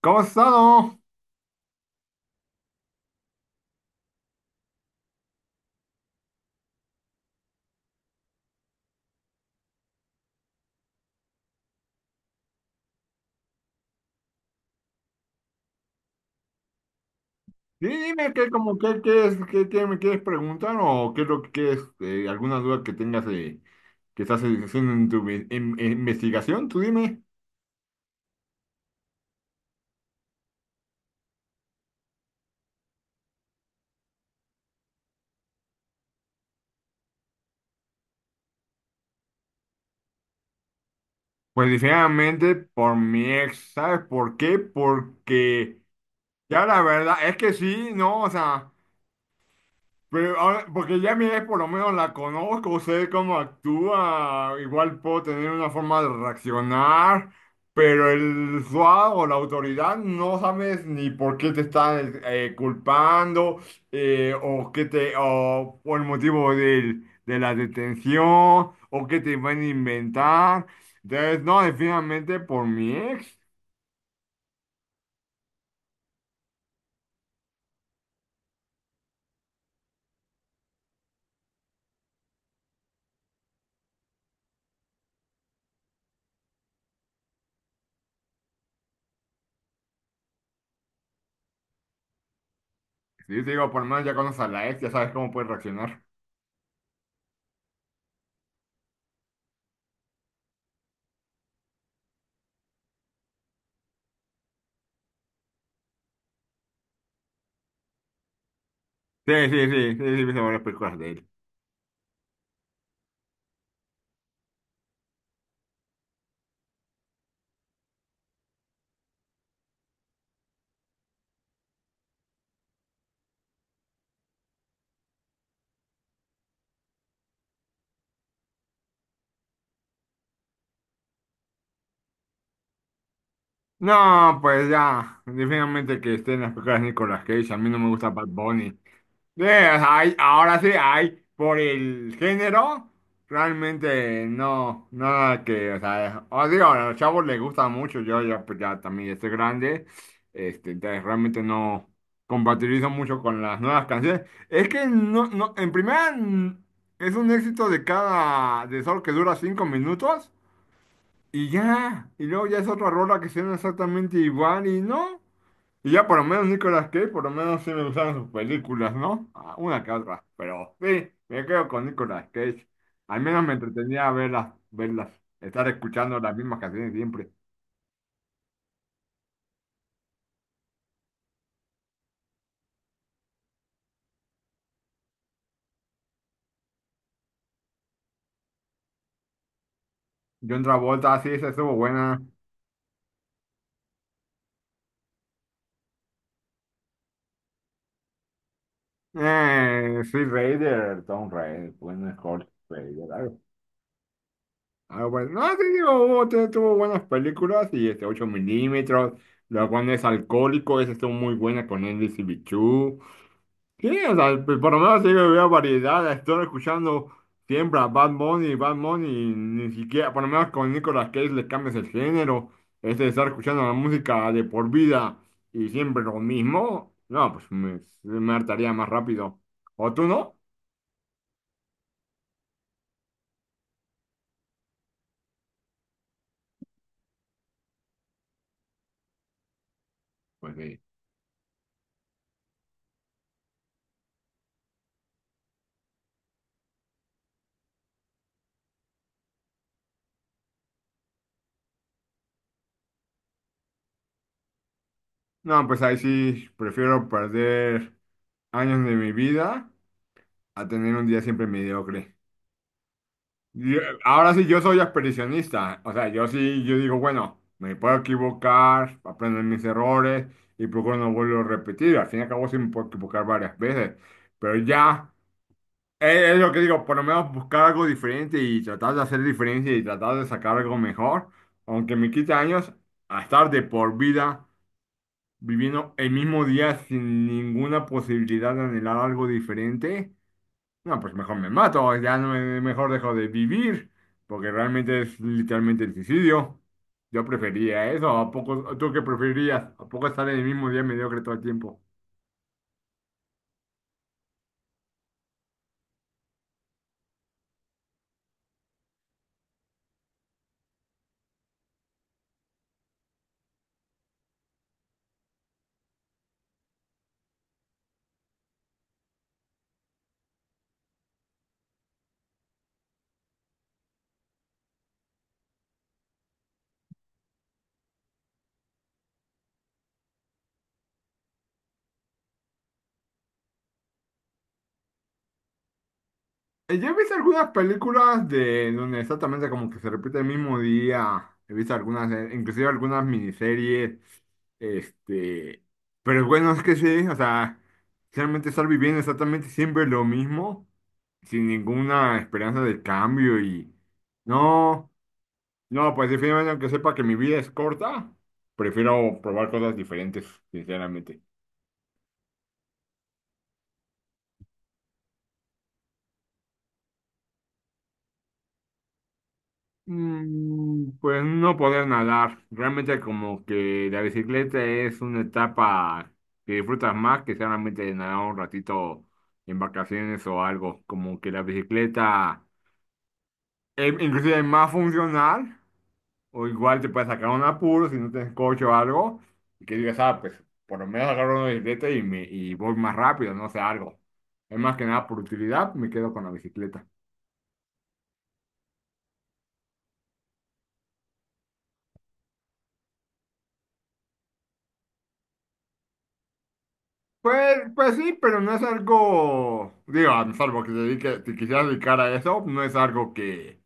¿Cómo has estado? Sí, dime qué, como qué es qué, qué me quieres preguntar o qué es lo que quieres, alguna duda que tengas que estás haciendo en tu vi- en investigación, tú dime. Pues definitivamente por mi ex, ¿sabes por qué? Porque ya la verdad es que sí, no, o sea. Pero ahora, porque ya mi ex por lo menos la conozco, sé cómo actúa, igual puedo tener una forma de reaccionar, pero el SWAT o la autoridad no sabes ni por qué te están culpando, o qué te o por el motivo de la detención o qué te van a inventar. Entonces, no, definitivamente por mi ex. Sí, te digo, por lo menos ya conoces a la ex, ya sabes cómo puedes reaccionar. Sí, sí, sí, sí, sí, he visto varias películas de él. No, pues ya, definitivamente que estén las películas de Nicolas Cage, a mí no me gusta Bad Bunny. Sí, ahora sí, hay, por el género, realmente no, nada que, o sea, os digo, a los chavos les gusta mucho, yo ya, pues ya también estoy grande, este, entonces realmente no compatibilizo mucho con las nuevas canciones. Es que no, no, en primera, es un éxito de solo que dura 5 minutos. Y ya, y luego ya es otra rola que suena exactamente igual y no. Y ya por lo menos Nicolas Cage, por lo menos sí me gustaron sus películas, ¿no? Ah, una que otra, pero sí, me quedo con Nicolas Cage. Al menos me entretenía verlas, estar escuchando las mismas canciones siempre. John Travolta, sí, esa estuvo buena. Sí, Raider, Tom Raider, bueno, Hulk Raider. Ah, bueno, no, sí, digo, tuvo buenas películas y este 8 mm, la cual no es alcohólico esas estuvo muy buena con Andy y Bichú. Sí, o sea, pues, por lo menos sí veo variedad, estoy escuchando siempre a Bad Bunny, Bad Bunny, ni siquiera, por lo menos con Nicolas Cage le cambias el género, este de estar escuchando la música de por vida y siempre lo mismo, no, pues me hartaría más rápido. ¿O tú no? Pues sí. No, pues ahí sí prefiero perder años de mi vida a tener un día siempre mediocre. Ahora sí, yo soy expedicionista. O sea, yo sí, yo digo, bueno, me puedo equivocar, aprendo de mis errores y procuro no volverlo a repetir. Al fin y al cabo, sí me puedo equivocar varias veces. Pero ya, es, lo que digo, por lo menos buscar algo diferente y tratar de hacer diferencia y tratar de sacar algo mejor, aunque me quite años, a estar de por vida viviendo el mismo día sin ninguna posibilidad de anhelar algo diferente. No, pues mejor me mato, ya no me- mejor dejo de vivir, porque realmente es literalmente el suicidio. Yo prefería eso, ¿a poco tú qué preferías? ¿A poco estar en el mismo día mediocre todo el tiempo? Yo he visto algunas películas de donde exactamente como que se repite el mismo día. He visto algunas, inclusive algunas miniseries, este, pero bueno, es que sí, o sea, realmente estar viviendo exactamente siempre lo mismo, sin ninguna esperanza de cambio y no. No, pues definitivamente, aunque sepa que mi vida es corta, prefiero probar cosas diferentes, sinceramente. Pues no poder nadar. Realmente como que la bicicleta es una etapa que disfrutas más que solamente nadar un ratito en vacaciones o algo. Como que la bicicleta es inclusive más funcional. O igual te puedes sacar un apuro si no tienes coche o algo, y que digas, ah, pues por lo menos agarro una bicicleta y, y voy más rápido, no sé, algo. Es más que nada por utilidad, me quedo con la bicicleta. Pues, pues sí, pero no es algo, digo, salvo que te quisieras dedicar a eso, no es algo que,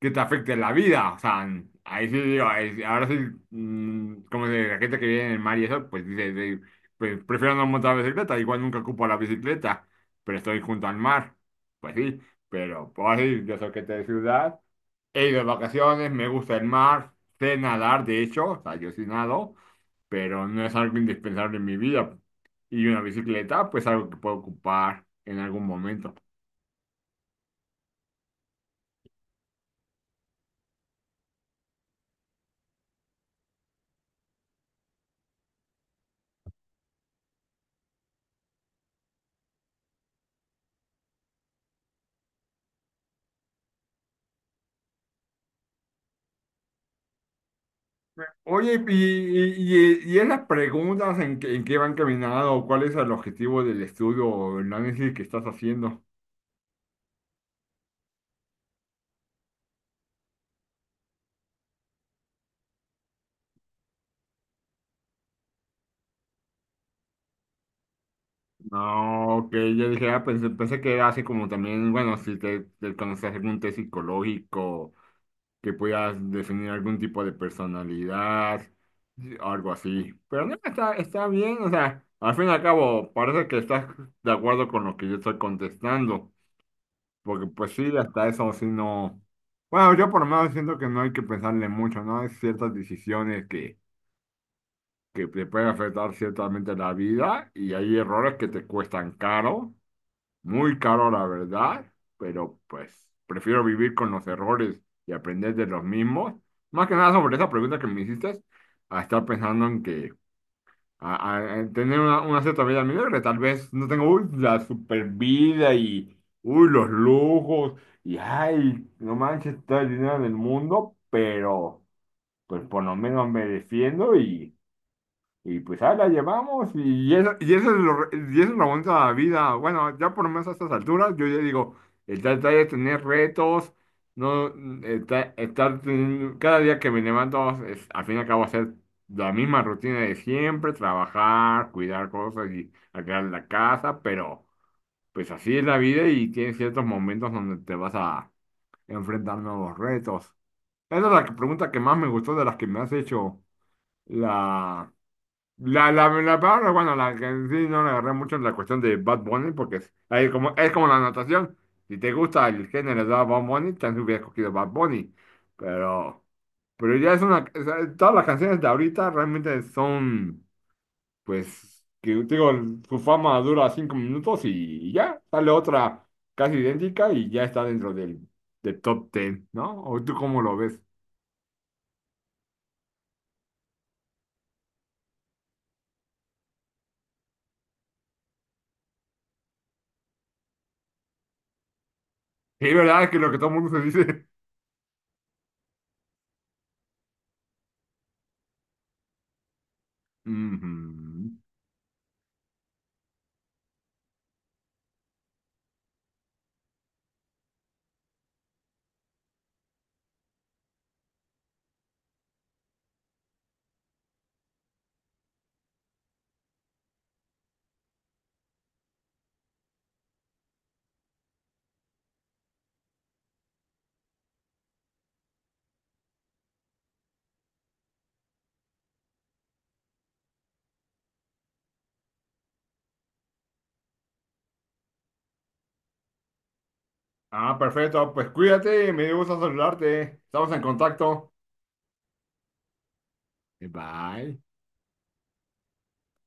te afecte en la vida. O sea, ahí sí digo, ahora sí, como de la gente que vive en el mar y eso, pues dice, pues prefiero no montar bicicleta, igual nunca ocupo la bicicleta, pero estoy junto al mar. Pues sí, pero pues ahora sí, yo soy gente de ciudad, he ido de vacaciones, me gusta el mar, sé nadar, de hecho, o sea, yo sí nado, pero no es algo indispensable en mi vida. Y una bicicleta, pues algo que puedo ocupar en algún momento. Oye, y esas preguntas en qué van caminando, ¿cuál es el objetivo del estudio o el análisis que estás haciendo? No, que yo dije, ah, pensé que era así como también, bueno, si te conoces algún test psicológico, que puedas definir algún tipo de personalidad, sí, algo así. Pero no, está bien, o sea, al fin y al cabo, parece que estás de acuerdo con lo que yo estoy contestando. Porque pues sí, hasta eso sí no. Bueno, yo por lo menos siento que no hay que pensarle mucho, ¿no? Hay ciertas decisiones que te pueden afectar ciertamente la vida y hay errores que te cuestan caro, muy caro la verdad, pero pues prefiero vivir con los errores y aprender de los mismos. Más que nada sobre esa pregunta que me hiciste, a estar pensando en que a tener una cierta vida mediocre. Tal vez no tengo uy, la super vida y uy, los lujos y ay, no manches, todo el dinero del mundo, pero pues por lo menos me defiendo y pues ahí la llevamos y eso, y eso es lo bonito de la bonita vida. Bueno, ya por lo menos a estas alturas, yo ya digo, el tratar de tener retos, no cada día que me levanto, al fin y al cabo hacer la misma rutina de siempre, trabajar, cuidar cosas y arreglar la casa, pero pues así es la vida y tienes ciertos momentos donde te vas a enfrentar nuevos retos. Esa es la pregunta que más me gustó de las que me has hecho. La, la palabra, bueno, la que en sí no le agarré mucho en la cuestión de Bad Bunny, porque es, ahí como, es como la natación. Si te gusta el género de Bad Bunny, también hubiera cogido Bad Bunny. Pero, pero ya es una. O sea, todas las canciones de ahorita realmente son, pues, que digo, su fama dura 5 minutos y ya, sale otra casi idéntica y ya está dentro del top ten, ¿no? ¿O tú cómo lo ves? Sí, ¿verdad? Que lo que todo el mundo se dice. Ujú. Ah, perfecto. Pues cuídate, me dio gusto saludarte. Estamos en contacto. Bye.